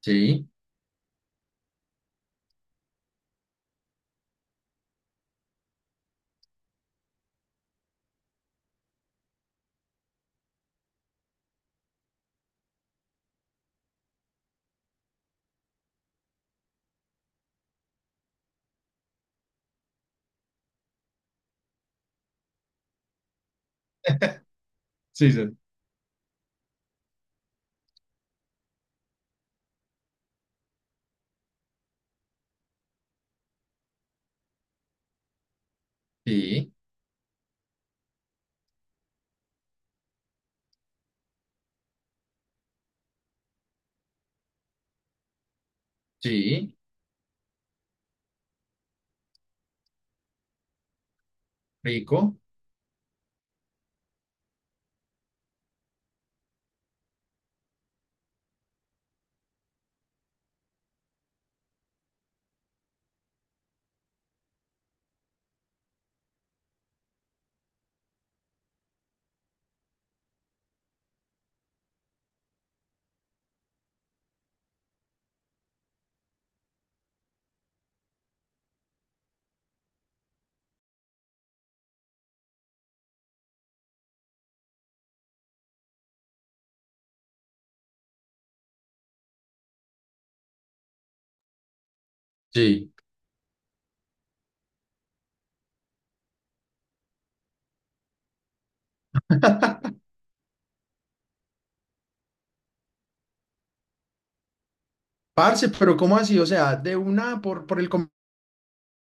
Sí, sí, sí, sí, sí, rico, sí. Parce, pero ¿cómo así? O sea, de una, por el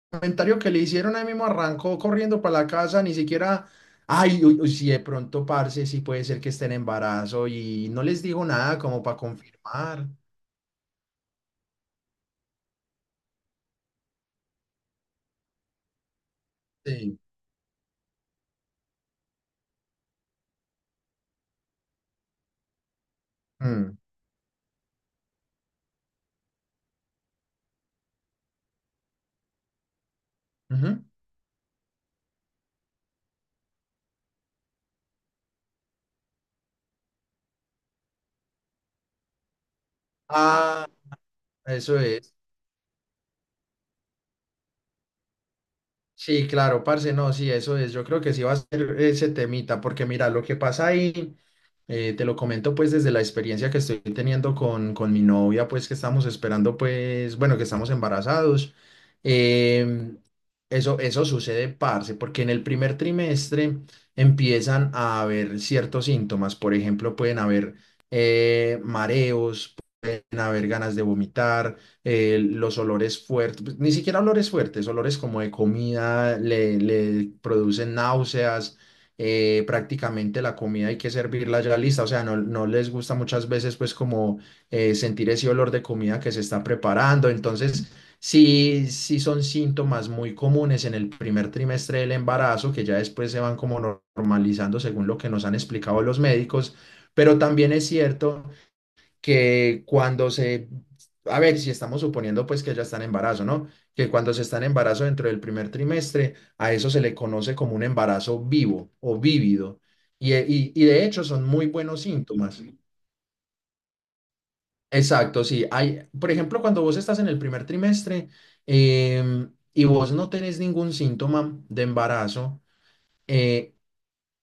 comentario que le hicieron, ahí mismo arrancó corriendo para la casa, ni siquiera, ay, uy, uy, si de pronto, parce, sí puede ser que esté en embarazo y no les dijo nada como para confirmar. Sí. Mm, ujú. Ah, eso es. Sí, claro, parce, no, sí, eso es. Yo creo que sí va a ser ese temita, porque mira, lo que pasa ahí, te lo comento pues desde la experiencia que estoy teniendo con mi novia, pues que estamos esperando, pues, bueno, que estamos embarazados. Em, eso sucede, parce, porque en el primer trimestre empiezan a haber ciertos síntomas. Por ejemplo, pueden haber mareos, haber ganas de vomitar, los olores fuertes, pues, ni siquiera olores fuertes, olores como de comida, le producen náuseas, prácticamente la comida hay que servirla ya lista, o sea, no, no les gusta muchas veces pues como sentir ese olor de comida que se está preparando, entonces... Sí, sí son síntomas muy comunes en el primer trimestre del embarazo, que ya después se van como normalizando según lo que nos han explicado los médicos, pero también es cierto que cuando se, a ver, si estamos suponiendo pues que ya están en embarazo, ¿no? Que cuando se está en embarazo dentro del primer trimestre, a eso se le conoce como un embarazo vivo o vívido. Y de hecho son muy buenos síntomas. Exacto, sí. Hay, por ejemplo, cuando vos estás en el primer trimestre y vos no tenés ningún síntoma de embarazo, eh,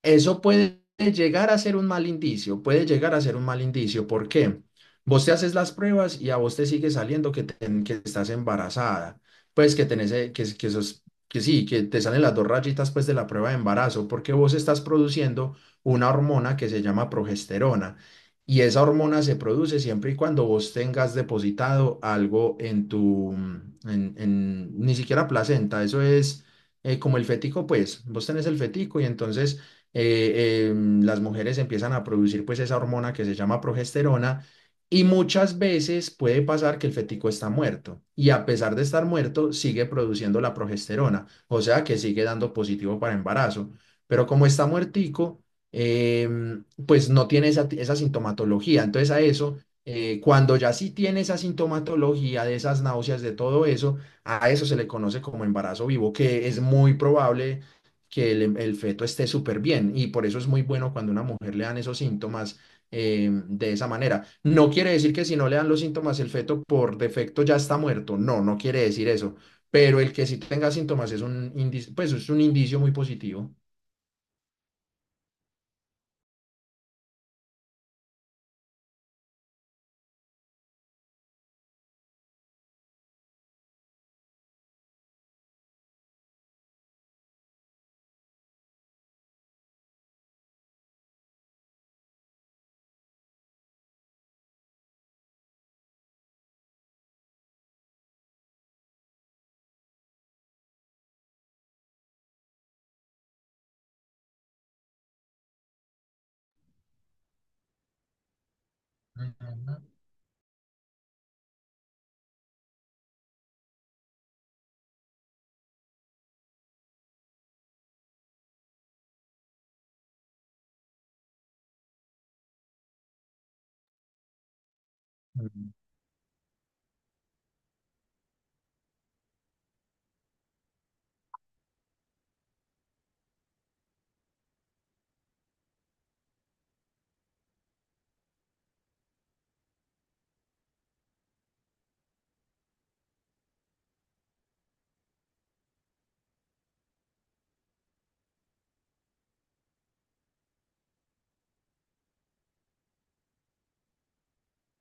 Eso puede llegar a ser un mal indicio, puede llegar a ser un mal indicio. ¿Por qué? Vos te haces las pruebas y a vos te sigue saliendo que estás embarazada, pues que tenés, que sí, que te salen las dos rayitas pues de la prueba de embarazo, porque vos estás produciendo una hormona que se llama progesterona y esa hormona se produce siempre y cuando vos tengas depositado algo en tu, ni siquiera placenta, eso es como el fetico, pues vos tenés el fetico y entonces eh, eh, las mujeres empiezan a producir pues esa hormona que se llama progesterona y muchas veces puede pasar que el fetico está muerto y a pesar de estar muerto sigue produciendo la progesterona, o sea que sigue dando positivo para embarazo, pero como está muertico, pues no tiene esa, esa sintomatología. Entonces a eso, cuando ya sí tiene esa sintomatología de esas náuseas, de todo eso, a eso se le conoce como embarazo vivo, que es muy probable que el feto esté súper bien. Y por eso es muy bueno cuando a una mujer le dan esos síntomas de esa manera. No quiere decir que si no le dan los síntomas, el feto por defecto ya está muerto. No, no quiere decir eso. Pero el que sí tenga síntomas es un indicio, pues es un indicio muy positivo. Ujú.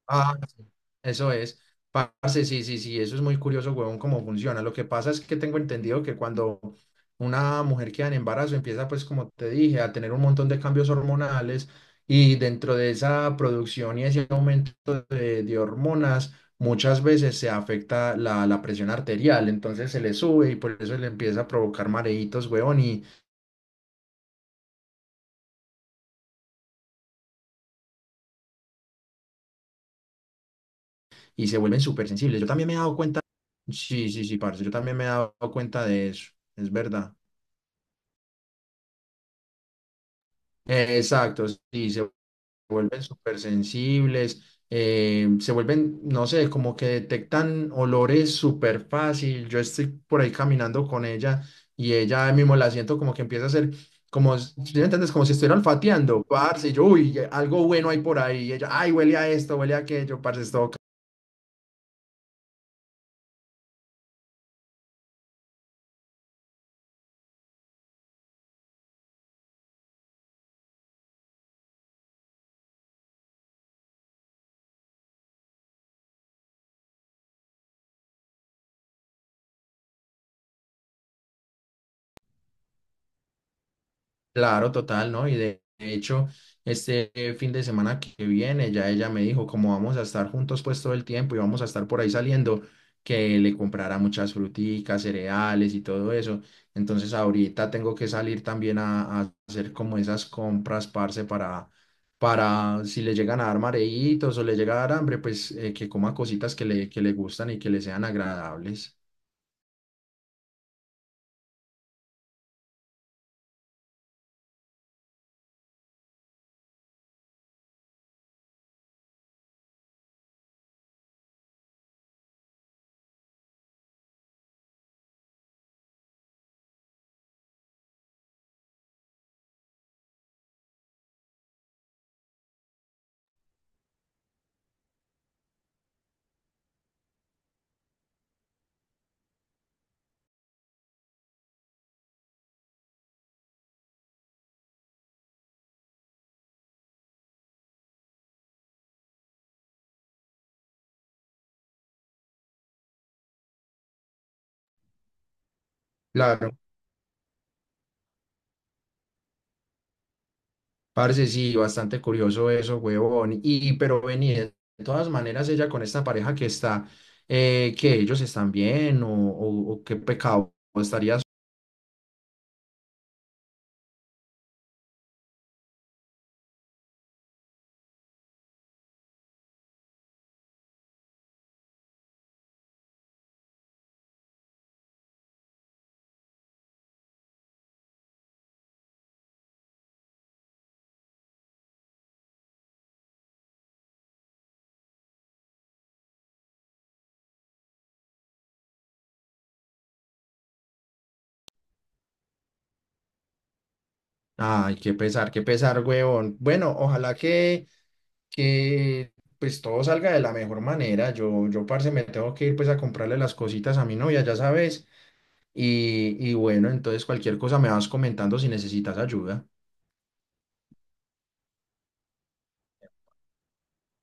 Ah, sí, eso es. Parce, sí, sí, sí, eso es muy curioso, huevón, cómo funciona. Lo que pasa es que tengo entendido que cuando una mujer queda en embarazo, empieza, pues, como te dije, a tener un montón de cambios hormonales y dentro de esa producción y ese aumento de hormonas, muchas veces se afecta la presión arterial, entonces se le sube y por eso le empieza a provocar mareitos, huevón, y se vuelven súper sensibles. Yo también me he dado cuenta, sí, sí, sí, parce, yo también me he dado cuenta de eso, es verdad. Exacto, sí, se vuelven súper sensibles, se vuelven, no sé, como que detectan olores súper fácil. Yo estoy por ahí caminando con ella y ella mismo la siento como que empieza a hacer, como, si ¿sí me entiendes? Como si estuviera olfateando, parce, y yo, uy, algo bueno hay por ahí. Y ella, ay, huele a esto, huele a aquello, parce, es todo. Claro, total, ¿no? Y de hecho, este fin de semana que viene, ya ella me dijo, como vamos a estar juntos pues todo el tiempo y vamos a estar por ahí saliendo, que le comprara muchas fruticas, cereales y todo eso. Entonces ahorita tengo que salir también a hacer como esas compras, parce, para si le llegan a dar mareitos o le llega a dar hambre, pues que coma cositas que le gustan y que le sean agradables. Claro. Parce, sí, bastante curioso eso, huevón. Y, pero vení, de todas maneras, ella con esta pareja que está, que ellos están bien, o qué pecado estarías. Ay, qué pesar, huevón. Bueno, ojalá que pues todo salga de la mejor manera. Parce, me tengo que ir pues a comprarle las cositas a mi novia, ya sabes. Y bueno, entonces cualquier cosa me vas comentando si necesitas ayuda.